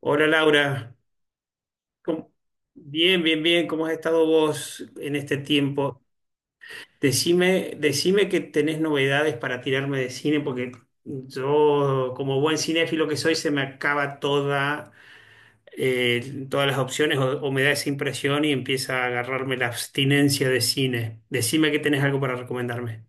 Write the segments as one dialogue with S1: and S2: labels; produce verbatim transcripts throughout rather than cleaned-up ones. S1: Hola Laura. ¿Cómo- Bien, bien, bien, ¿cómo has estado vos en este tiempo? Decime, decime que tenés novedades para tirarme de cine, porque yo, como buen cinéfilo que soy, se me acaba toda, eh, todas las opciones o, o me da esa impresión y empieza a agarrarme la abstinencia de cine. Decime que tenés algo para recomendarme.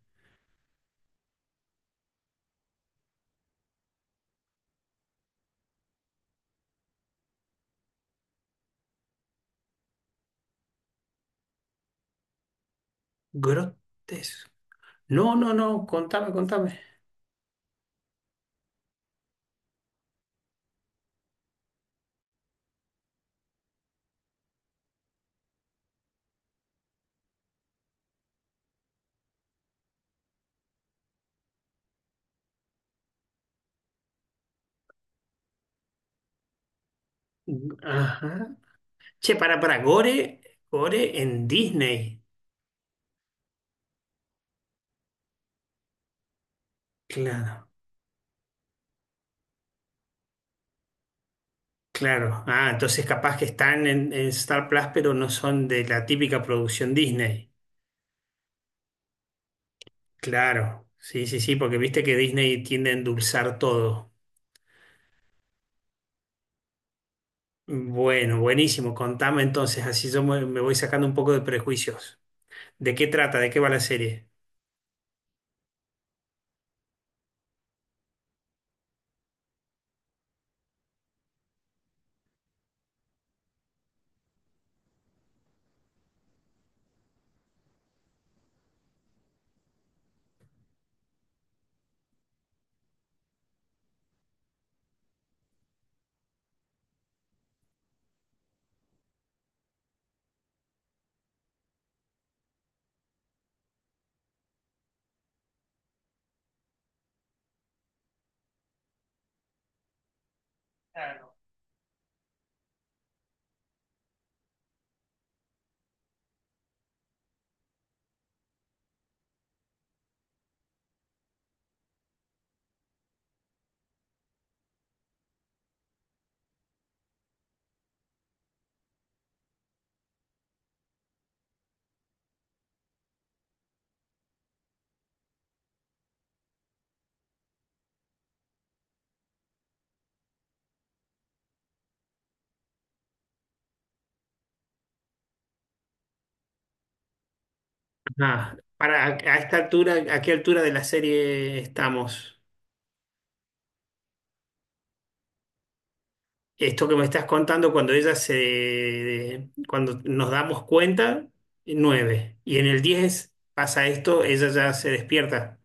S1: Grotesco. No, no, no, contame, contame. Ajá. Che, para, para, Gore, Gore en Disney. Claro. Claro. Ah, entonces capaz que están en, en Star Plus, pero no son de la típica producción Disney. Claro. Sí, sí, sí, porque viste que Disney tiende a endulzar todo. Bueno, buenísimo. Contame entonces, así yo me, me voy sacando un poco de prejuicios. ¿De qué trata? ¿De qué va la serie? Claro. Ah, para, a, a esta altura, ¿a qué altura de la serie estamos? Esto que me estás contando cuando ella se, cuando nos damos cuenta, nueve. Y en el diez pasa esto, ella ya se despierta.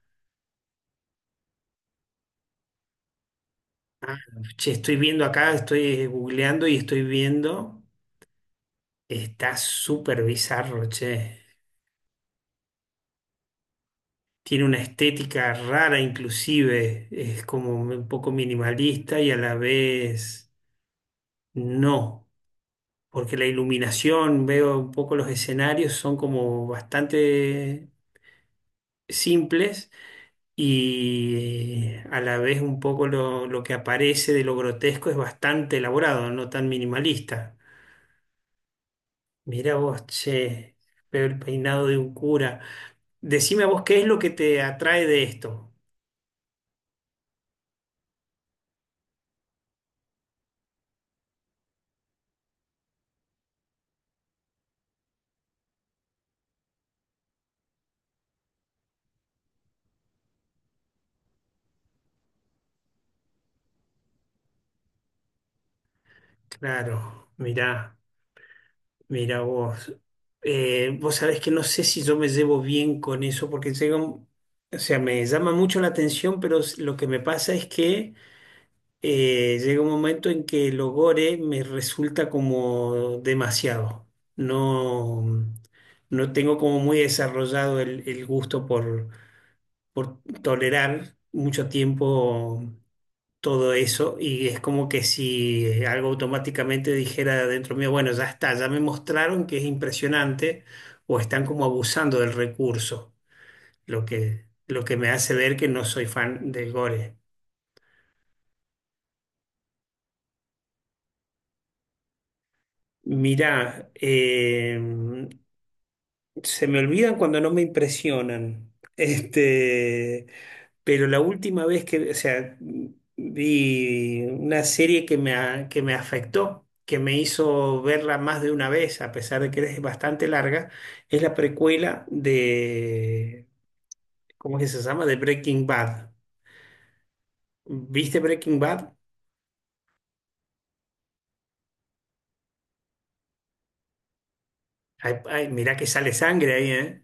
S1: Ah, che, estoy viendo acá, estoy googleando y estoy viendo. Está súper bizarro, che. Tiene una estética rara inclusive. Es como un poco minimalista y a la vez no. Porque la iluminación, veo un poco los escenarios, son como bastante simples y a la vez un poco lo, lo que aparece de lo grotesco es bastante elaborado, no tan minimalista. Mira vos, che, veo el peinado de un cura. Decime a vos qué es lo que te atrae de esto. Claro, mirá, mirá vos. Eh, vos sabés que no sé si yo me llevo bien con eso porque llega, un- o sea, me llama mucho la atención, pero s- lo que me pasa es que eh, llega un momento en que el ogore me resulta como demasiado. No, no tengo como muy desarrollado el, el gusto por, por tolerar mucho tiempo todo eso y es como que si eh, algo automáticamente dijera dentro mío, bueno, ya está, ya me mostraron que es impresionante o están como abusando del recurso, lo que, lo que me hace ver que no soy fan del gore. Mira, em, se me olvidan cuando no me impresionan. Este, pero la última vez que, o sea, vi una serie que me, a- que me afectó, que me hizo verla más de una vez, a pesar de que es bastante larga, es la precuela de, ¿cómo es que se llama? De Breaking Bad. ¿Viste Breaking Bad? Ay, ay, mirá que sale sangre ahí, ¿eh?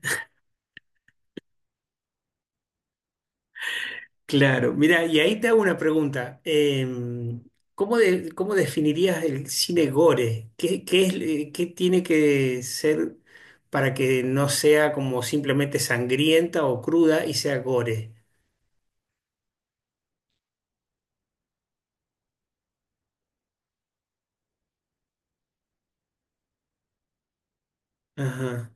S1: Claro, mira, y ahí te hago una pregunta. Em, ¿cómo, de- cómo definirías el cine gore? ¿Qué, qué es, eh, qué tiene que ser para que no sea como simplemente sangrienta o cruda y sea gore? Ajá,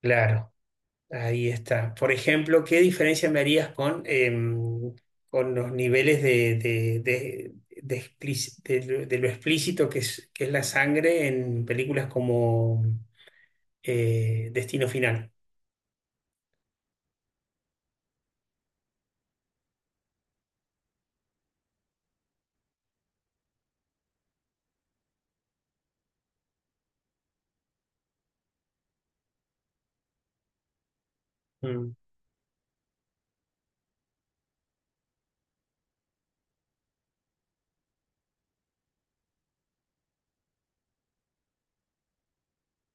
S1: claro, ahí está. Por ejemplo, ¿qué diferencia me harías con, em, con los niveles de, de- de- de explici- de lo de lo explícito que es, que es la sangre en películas como eh, Destino Final?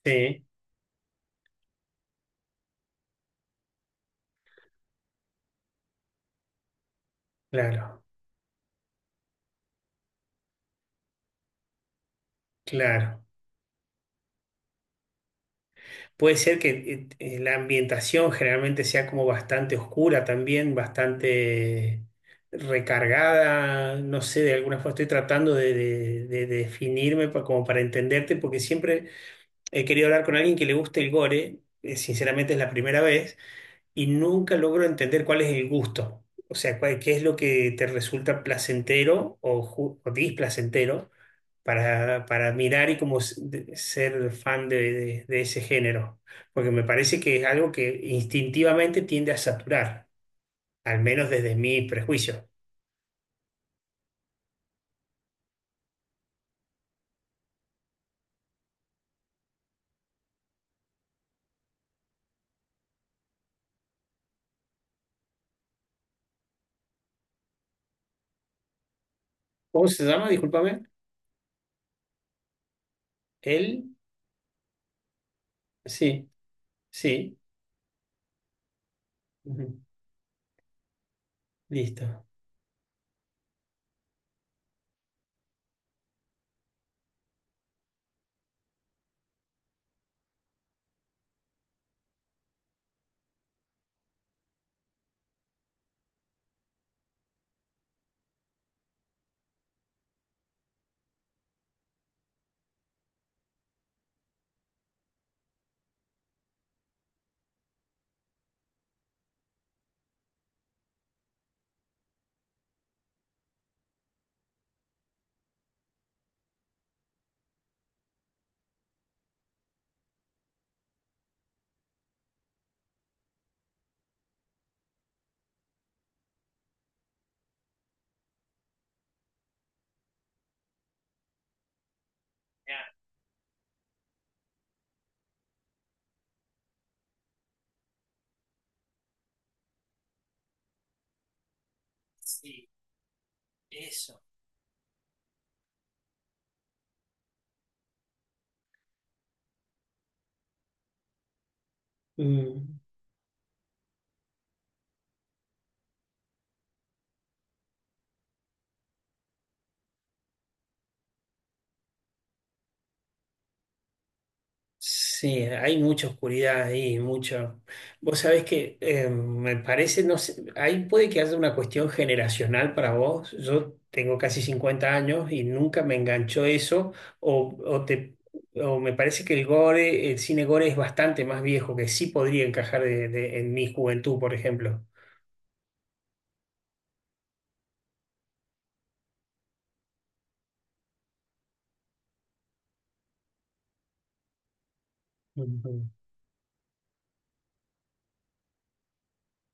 S1: Sí, claro, claro. Puede ser que eh, eh, la ambientación generalmente sea como bastante oscura también, bastante recargada, no sé, de alguna forma estoy tratando de, de- de definirme pa- como para entenderte, porque siempre he querido hablar con alguien que le guste el gore, eh, sinceramente es la primera vez, y nunca logro entender cuál es el gusto. O sea, cuál- qué es lo que te resulta placentero o, ju- o displacentero para, para mirar y como s- de- ser fan de, de- de ese género. Porque me parece que es algo que instintivamente tiende a saturar, al menos desde mi prejuicio. ¿Cómo se llama? Discúlpame. Él. Sí, sí. Ujú. Listo. Ya, sí, eso. Mm. Sí, hay mucha oscuridad ahí, mucho. Vos sabés que eh, me parece, no sé, ahí puede que haya una cuestión generacional para vos. Yo tengo casi cincuenta años y nunca me enganchó eso, o, o te, o me parece que el gore, el cine gore es bastante más viejo, que sí podría encajar de- de- en mi juventud, por ejemplo. Ujú.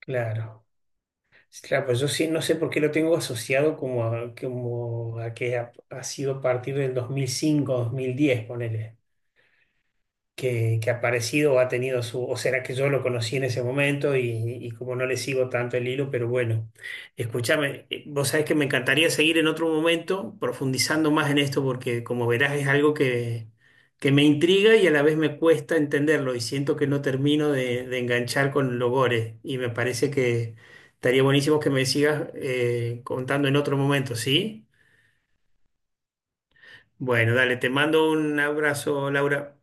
S1: Claro. Claro, pues yo sí, no sé por qué lo tengo asociado como a, como a que ha, ha sido a partir del dos mil cinco, dos mil diez, ponele. que, que ha aparecido o ha tenido su, o será que yo lo conocí en ese momento y, y como no le sigo tanto el hilo, pero bueno, escúchame, eh, vos sabés que me encantaría seguir en otro momento profundizando más en esto porque como verás es algo que, que me intriga y a la vez me cuesta entenderlo y siento que no termino de, de enganchar con los gores y me parece que estaría buenísimo que me sigas eh, contando en otro momento, ¿sí? Bueno, dale, te mando un abrazo, Laura.